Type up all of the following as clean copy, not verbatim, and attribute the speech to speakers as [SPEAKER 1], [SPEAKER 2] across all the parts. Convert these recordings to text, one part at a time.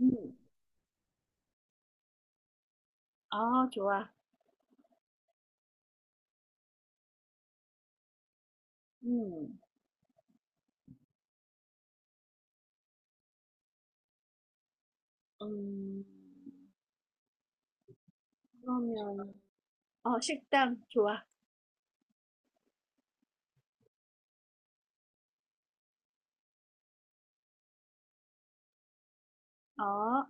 [SPEAKER 1] 음. 아, 좋아. 음. 음. 그러면 어, 식당 좋아. 어.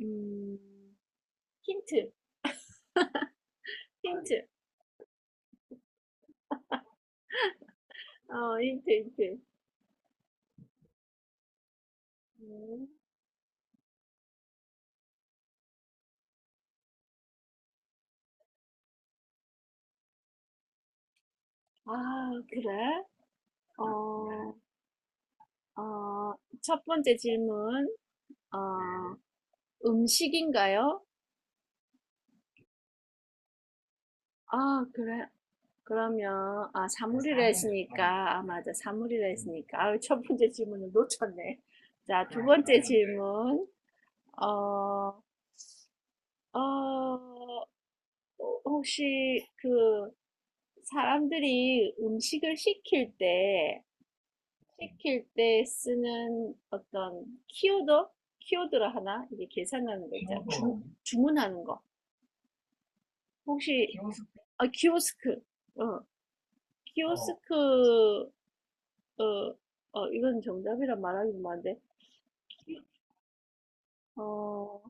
[SPEAKER 1] 음. 힌트. 힌트. 어, 힌트. 음. 아, 그래? 어. 어, 첫 번째 질문. 어, 음식인가요? 아, 그래. 그러면 아, 사물이라 했으니까 아, 맞아. 사물이라 했으니까. 아, 첫 번째 질문을 놓쳤네. 자, 두 번째 질문. 어, 어, 혹시 그 사람들이 음식을 시킬 때 쓰는 어떤 키워드? 키워드라 하나? 이게 계산하는 거 있잖아. 주문하는 거. 혹시, 키오스크, 아, 키오스크. 어, 키오스크, 어, 어, 이건 정답이라 말하기 뭐한데, 어,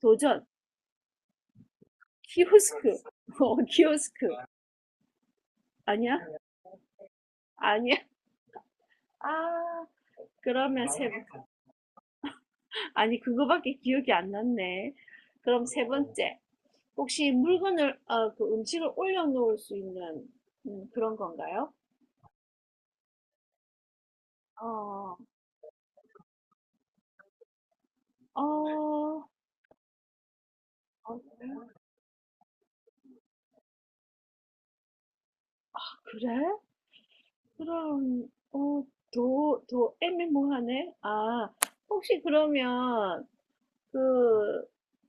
[SPEAKER 1] 도전. 키오스크. 어, 키오스크. 아니야? 아니야? 아, 그러면 세, 번 아니, 그거밖에 기억이 안 났네. 그럼 세 번째, 혹시 물건을, 어, 그 음식을 올려놓을 수 있는 그런 건가요? 어, 어, 어, 그래? 그럼, 어, 더 애매모호하네? 아, 혹시 그러면 그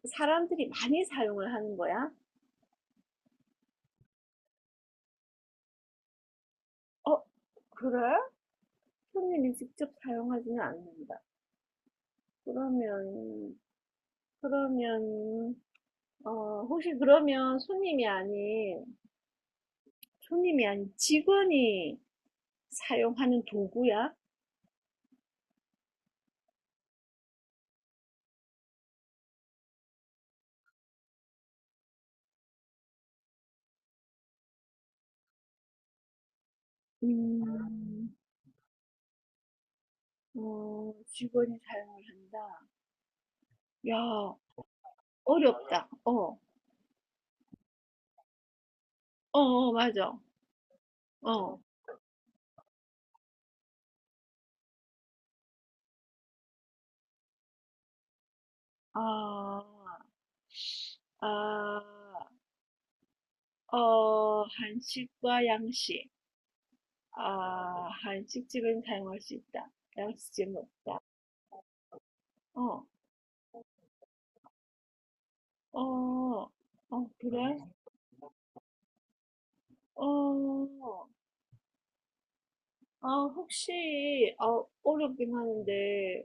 [SPEAKER 1] 사람들이 많이 사용을 하는 거야? 어, 그래? 손님이 직접 사용하지는 않는다. 그러면, 그러면, 어, 혹시 그러면 손님이 아닌 직원이 사용하는 도구야? 음, 어, 직원이 사용을 한다. 야, 어렵다. 어, 맞아. 어, 아, 아, 어, 한식과 양식. 아, 한식집은 사용할 수 있다. 양식집은 없다. 어, 어, 어, 그래? 어, 아, 혹시, 어 어렵긴 하는데,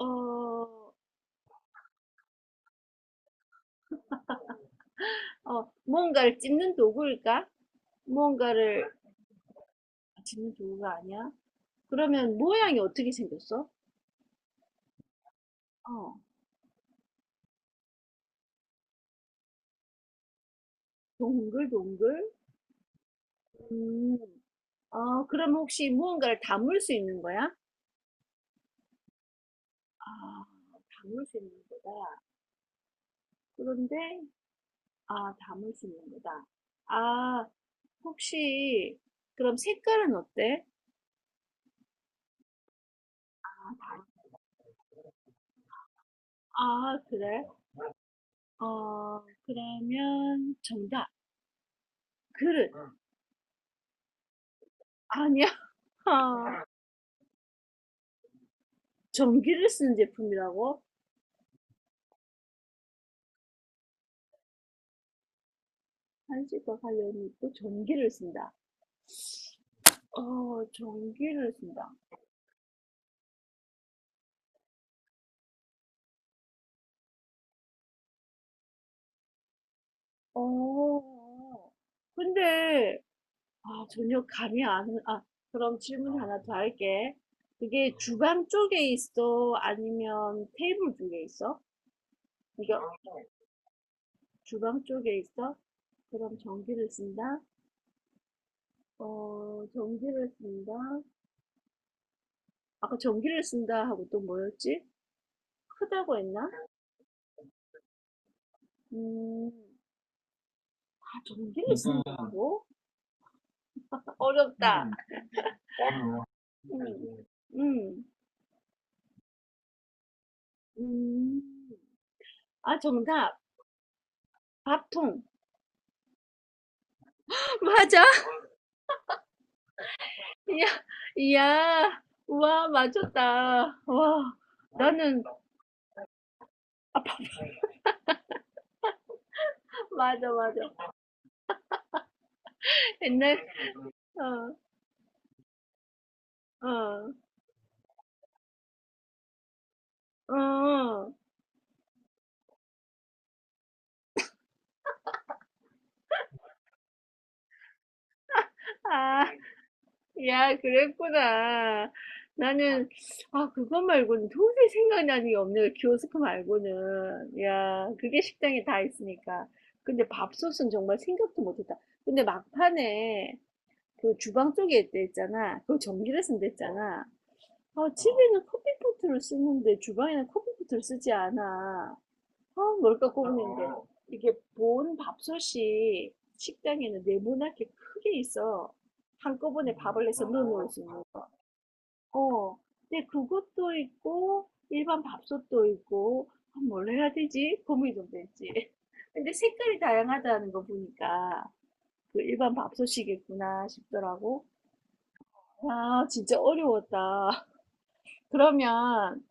[SPEAKER 1] 어, 어, 뭔가를 찝는 도구일까? 뭔가를 아, 찝는 도구가 아니야? 그러면 모양이 어떻게 생겼어? 어, 동글동글? 음, 아, 그럼 혹시 무언가를 담을 수 있는 거야? 아, 담을 수 있는 거다. 그런데, 아, 담을 수 있는 거다. 아, 혹시, 그럼 색깔은 어때? 아, 그래? 어, 그러면 정답. 그릇. 응. 아니야. 전기를 쓰는 제품이라고? 한식과 관련이 있고 전기를 쓴다. 어, 전기를 쓴다. 어, 근데, 아, 전혀 감이 안, 아, 그럼 질문 하나 더 할게. 그게 주방 쪽에 있어? 아니면 테이블 쪽에 있어? 이거 주방 쪽에 있어? 그럼 전기를 쓴다? 어, 전기를 쓴다? 아까 전기를 쓴다 하고 또 뭐였지? 크다고 했나? 음, 아, 전기를 쓴다고? 어렵다. 음. 음, 음, 음. 아, 정답. 밥통. 맞아? 이야, 이야. 와, 맞췄다. 와, 나는, 아, 밥, 맞아, 맞아. 옛날, 어, 어, 어. 아, 야, 그랬구나. 나는, 아, 그거 말고는 도저히 생각나는 게 없네. 그 키오스크 말고는. 야, 그게 식당에 다 있으니까. 근데 밥솥은 정말 생각도 못했다. 근데 막판에 그 주방 쪽에 있 했잖아. 그거 전기를 쓴다 어, 했잖아. 아, 어. 집에는 커피포트를 쓰는데 주방에는 커피포트를 쓰지 않아. 어 뭘까 고민인데 이게 본 밥솥이 식당에는 네모나게 크게 있어 한꺼번에 밥을 해서 넣어 놓을 수 있는 거. 어, 근데 그것도 있고 일반 밥솥도 있고 아, 뭘 해야 되지? 고민이 좀 되지. 근데 색깔이 다양하다는 거 보니까 그 일반 밥솥이겠구나 싶더라고. 아, 진짜 어려웠다. 그러면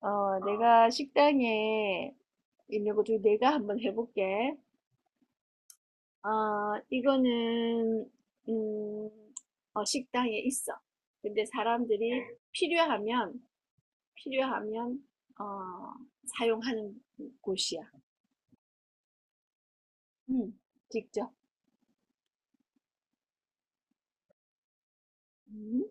[SPEAKER 1] 어, 내가 식당에 있는 것 중에 내가 한번 해볼게. 아, 이거는, 음, 어, 식당에 있어. 근데 사람들이 필요하면, 필요하면, 어, 사용하는 곳이야. 음, 직접. 음,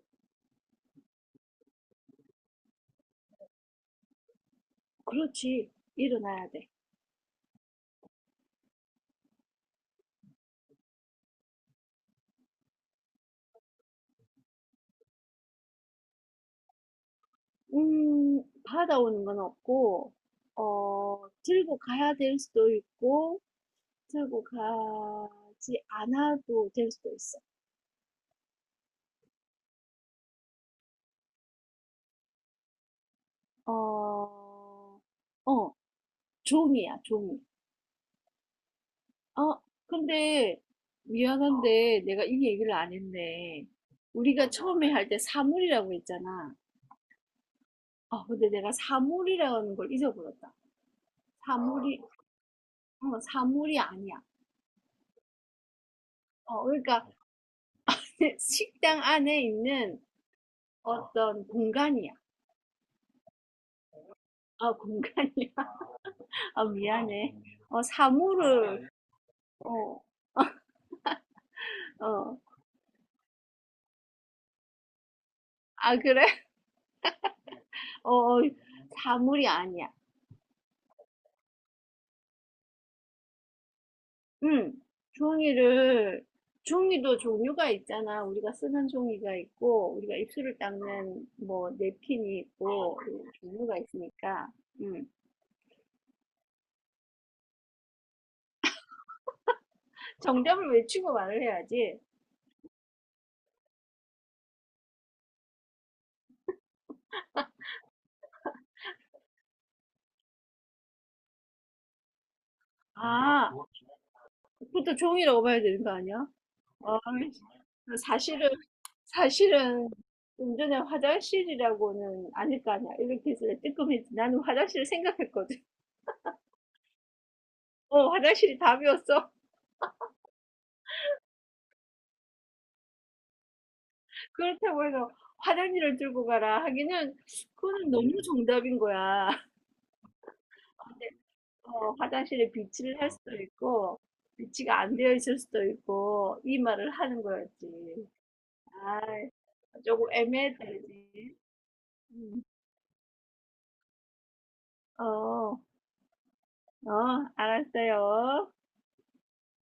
[SPEAKER 1] 그렇지. 일어나야 돼. 받아오는 건 없고, 어, 들고 가야 될 수도 있고, 들고 가지 않아도 될 수도 있어. 어, 어, 종이야, 종이. 어 근데 어, 미안한데 내가 이 얘기를 안 했네. 우리가 처음에 할 때 사물이라고 했잖아. 아, 근데 내가 사물이라는 걸 잊어버렸다. 아, 사물이, 어, 사물이 아니야. 어, 그러니까 식당 안에 있는 어, 떤 공간이야. 아, 공간이야. 아, 아, 미안해. 어, 아, 사물을, 아 어, 어. 아, 그래? 어, 사물이 아니야. 응. 종이를 종이도 종류가 있잖아. 우리가 쓰는 종이가 있고 우리가 입술을 닦는 뭐 냅킨이 있고 종류가 있으니까. 응. 정답을 외치고 말을 해야지. 아, 그것도 종이라고 봐야 되는 거 아니야? 아, 사실은 사실은 좀 전에 화장실이라고는 아닐 거 아니야. 이렇게 해서 뜨끔했지. 나는 화장실을 생각했거든. 어, 화장실이 답이었어. 그렇다고 해서 화장실을 들고 가라 하기는 그거는 너무 정답인 거야. 근데, 어, 화장실에 비치를 할 수도 있고 비치가 안 되어 있을 수도 있고 이 말을 하는 거였지. 아, 조금 애매했지. 어, 알았어요.